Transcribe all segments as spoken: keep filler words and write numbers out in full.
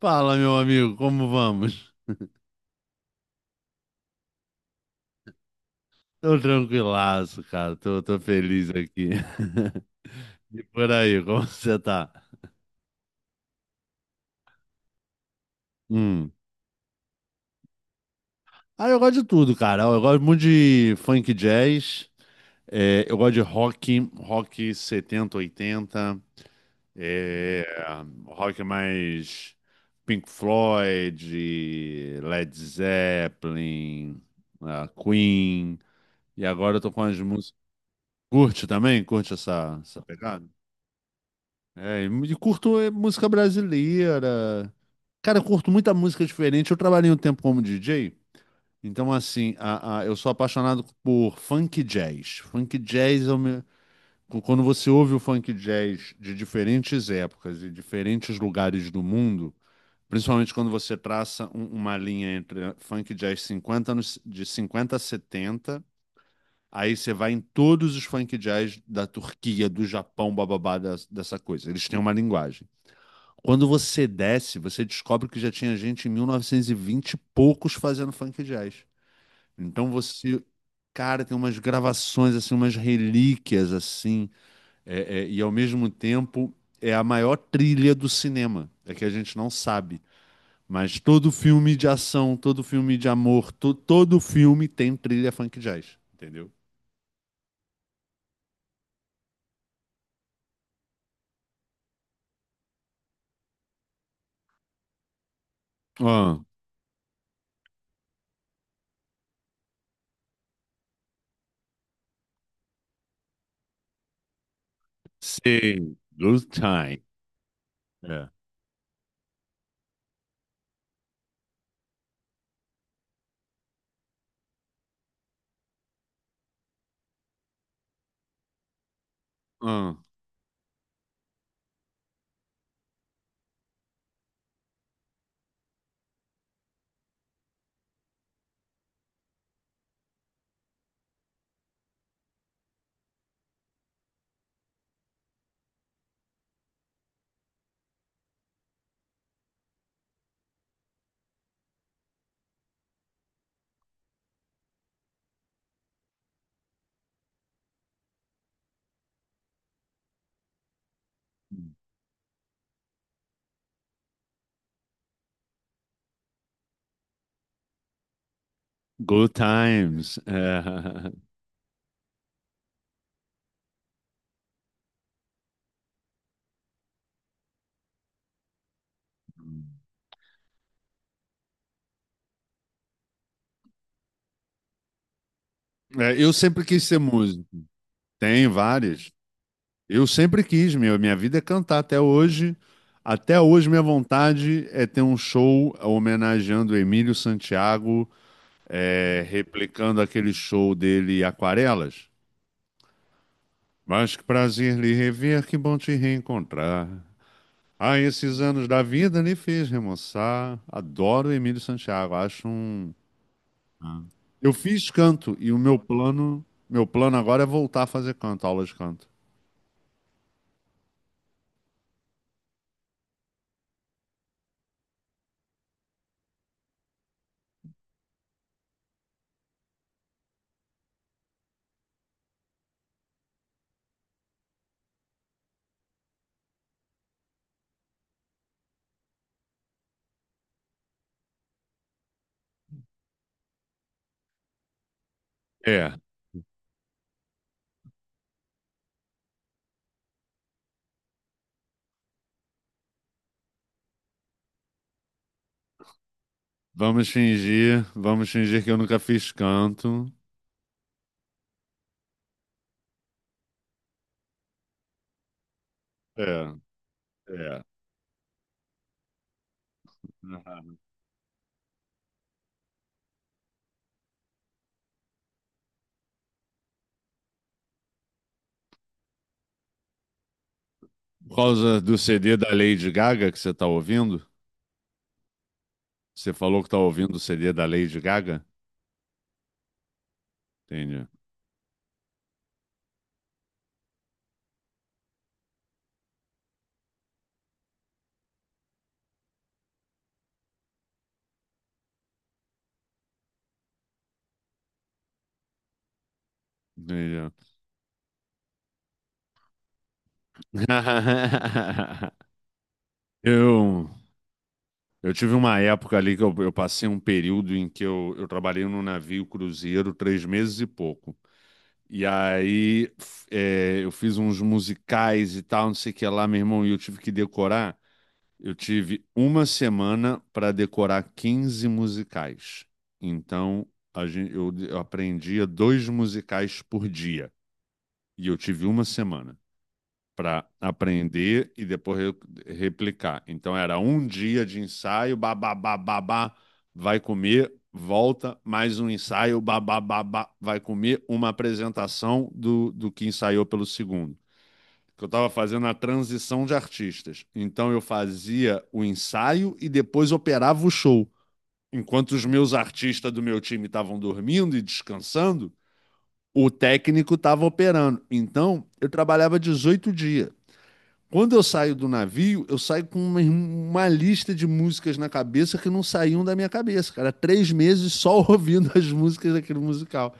Fala, meu amigo, como vamos? Tô tranquilaço, cara. Tô, tô feliz aqui. E por aí, como você tá? Hum. Ah, eu gosto de tudo, cara. Eu gosto muito de funk jazz. É, eu gosto de rock, rock setenta, oitenta, é, rock mais Pink Floyd, Led Zeppelin, ah, Queen. E agora eu tô com as músicas. Curte também? Curte essa, essa pegada? É, e curto é, música brasileira. Cara, eu curto muita música diferente. Eu trabalhei um tempo como D J, então assim, a- a- eu sou apaixonado por funk jazz. Funk jazz é o meu... qu- Quando você ouve o funk jazz de diferentes épocas e diferentes lugares do mundo, principalmente quando você traça um- uma linha entre funk jazz cinquenta anos, de cinquenta a setenta, aí você vai em todos os funk jazz da Turquia, do Japão, bababá, das- dessa coisa. Eles têm uma linguagem. Quando você desce, você descobre que já tinha gente em mil novecentos e vinte e vinte e poucos fazendo funk jazz. Então você, cara, tem umas gravações assim, umas relíquias assim, é, é, e ao mesmo tempo é a maior trilha do cinema, é que a gente não sabe. Mas todo filme de ação, todo filme de amor, to- todo filme tem trilha funk jazz, entendeu? Ah, sim, good time. É. Ah, good times. É. É, eu sempre quis ser músico. Tem várias. Eu sempre quis, meu. Minha vida é cantar até hoje. Até hoje, minha vontade é ter um show homenageando o Emílio Santiago, é, replicando aquele show dele Aquarelas. Mas que prazer lhe rever, que bom te reencontrar. Ah, esses anos da vida lhe fez remoçar. Adoro o Emílio Santiago, acho um... Eu fiz canto e o meu plano, meu plano agora é voltar a fazer canto, aula de canto. É, vamos fingir, vamos fingir que eu nunca fiz canto. É, é. Por causa do C D da Lady Gaga que você tá ouvindo? Você falou que tá ouvindo o C D da Lady Gaga? Entendi. Entendi. Eu, eu tive uma época ali que eu, eu passei um período em que eu, eu trabalhei num navio cruzeiro três meses e pouco. E aí f- é, eu fiz uns musicais e tal, não sei o que lá, meu irmão, e eu tive que decorar. Eu tive uma semana para decorar quinze musicais. Então, a gen- eu, eu aprendia dois musicais por dia. E eu tive uma semana para aprender e depois re- replicar. Então, era um dia de ensaio, babá, vai comer, volta, mais um ensaio, babá, vai comer, uma apresentação do, do que ensaiou pelo segundo que eu estava fazendo a transição de artistas. Então eu fazia o ensaio e depois operava o show. Enquanto os meus artistas do meu time estavam dormindo e descansando, o técnico estava operando. Então eu trabalhava dezoito dias. Quando eu saio do navio, eu saio com uma, uma lista de músicas na cabeça que não saíam da minha cabeça, cara. Três meses só ouvindo as músicas daquele musical.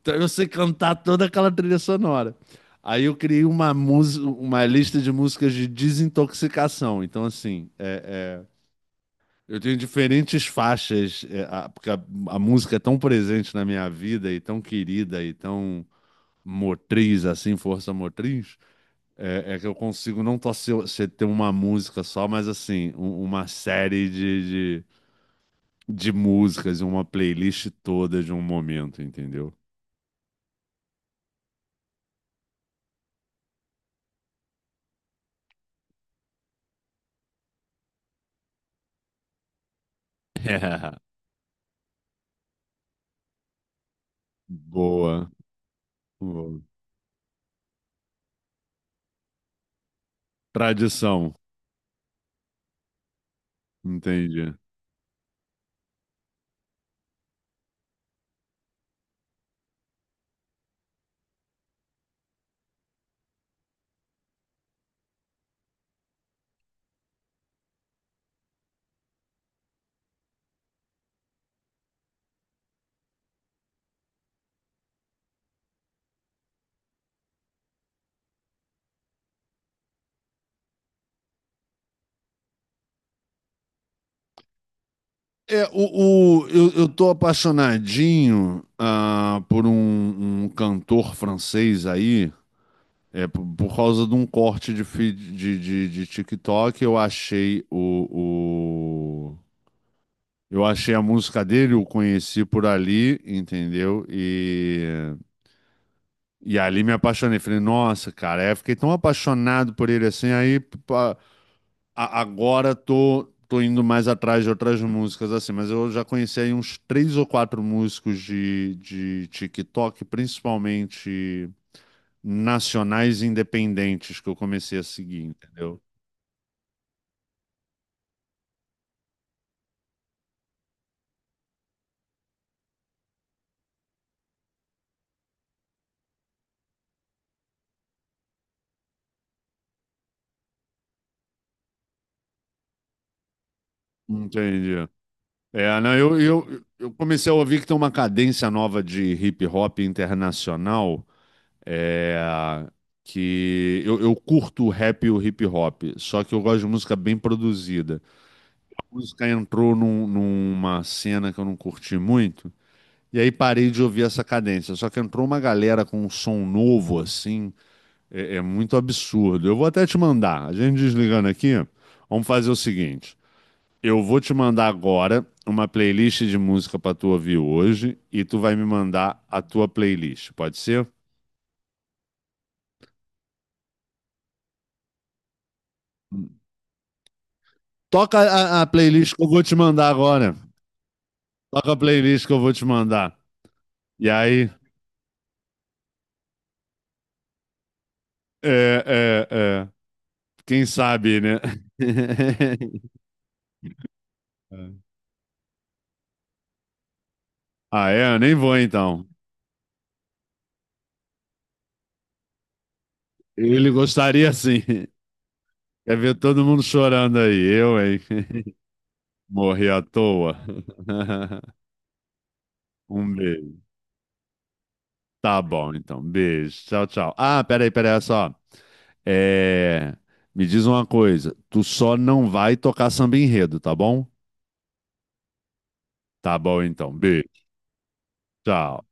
Então eu sei cantar toda aquela trilha sonora. Aí eu criei uma música, uma lista de músicas de desintoxicação. Então, assim, é, eu tenho diferentes faixas, é, a- porque a, a música é tão presente na minha vida e tão querida e tão motriz, assim, força motriz, é, é que eu consigo não só ser, ser- ter uma música só, mas assim, um- uma série de, de, de músicas, uma playlist toda de um momento, entendeu? Boa. Boa. Tradição, entendi. É, o, o- eu, eu tô apaixonadinho ah, por um, um cantor francês aí, é, por, por causa de um corte de, feed- de, de, de TikTok, eu achei o, o- eu achei a música dele, eu conheci por ali, entendeu? E, e ali me apaixonei. Falei, nossa, cara, aí eu fiquei tão apaixonado por ele assim, aí a- agora tô, tô indo mais atrás de outras músicas, assim, mas eu já conheci aí uns três ou quatro músicos de, de TikTok, principalmente nacionais e independentes, que eu comecei a seguir, entendeu? Entendi. É, não, eu, eu, eu comecei a ouvir que tem uma cadência nova de hip hop internacional, é, que eu, eu curto o rap e o hip hop, só que eu gosto de música bem produzida. Música entrou num- numa cena que eu não curti muito, e aí parei de ouvir essa cadência. Só que entrou uma galera com um som novo, assim, é, é muito absurdo. Eu vou até te mandar. A gente desligando aqui, vamos fazer o seguinte: eu vou te mandar agora uma playlist de música para tu ouvir hoje, e tu vai me mandar a tua playlist, pode ser? Toca a, a playlist que eu vou te mandar agora. Toca a playlist que eu vou te mandar. E aí, é, é, é. Quem sabe, né? Ah, é? Eu nem vou então. Ele gostaria sim. Quer ver todo mundo chorando aí. Eu, hein? Morri à toa. Um beijo. Tá bom, então. Beijo. Tchau, tchau. Ah, peraí, peraí, olha só. É... Me diz uma coisa. Tu só não vai tocar samba enredo, tá bom? Tá bom, então. Beijo. Tchau.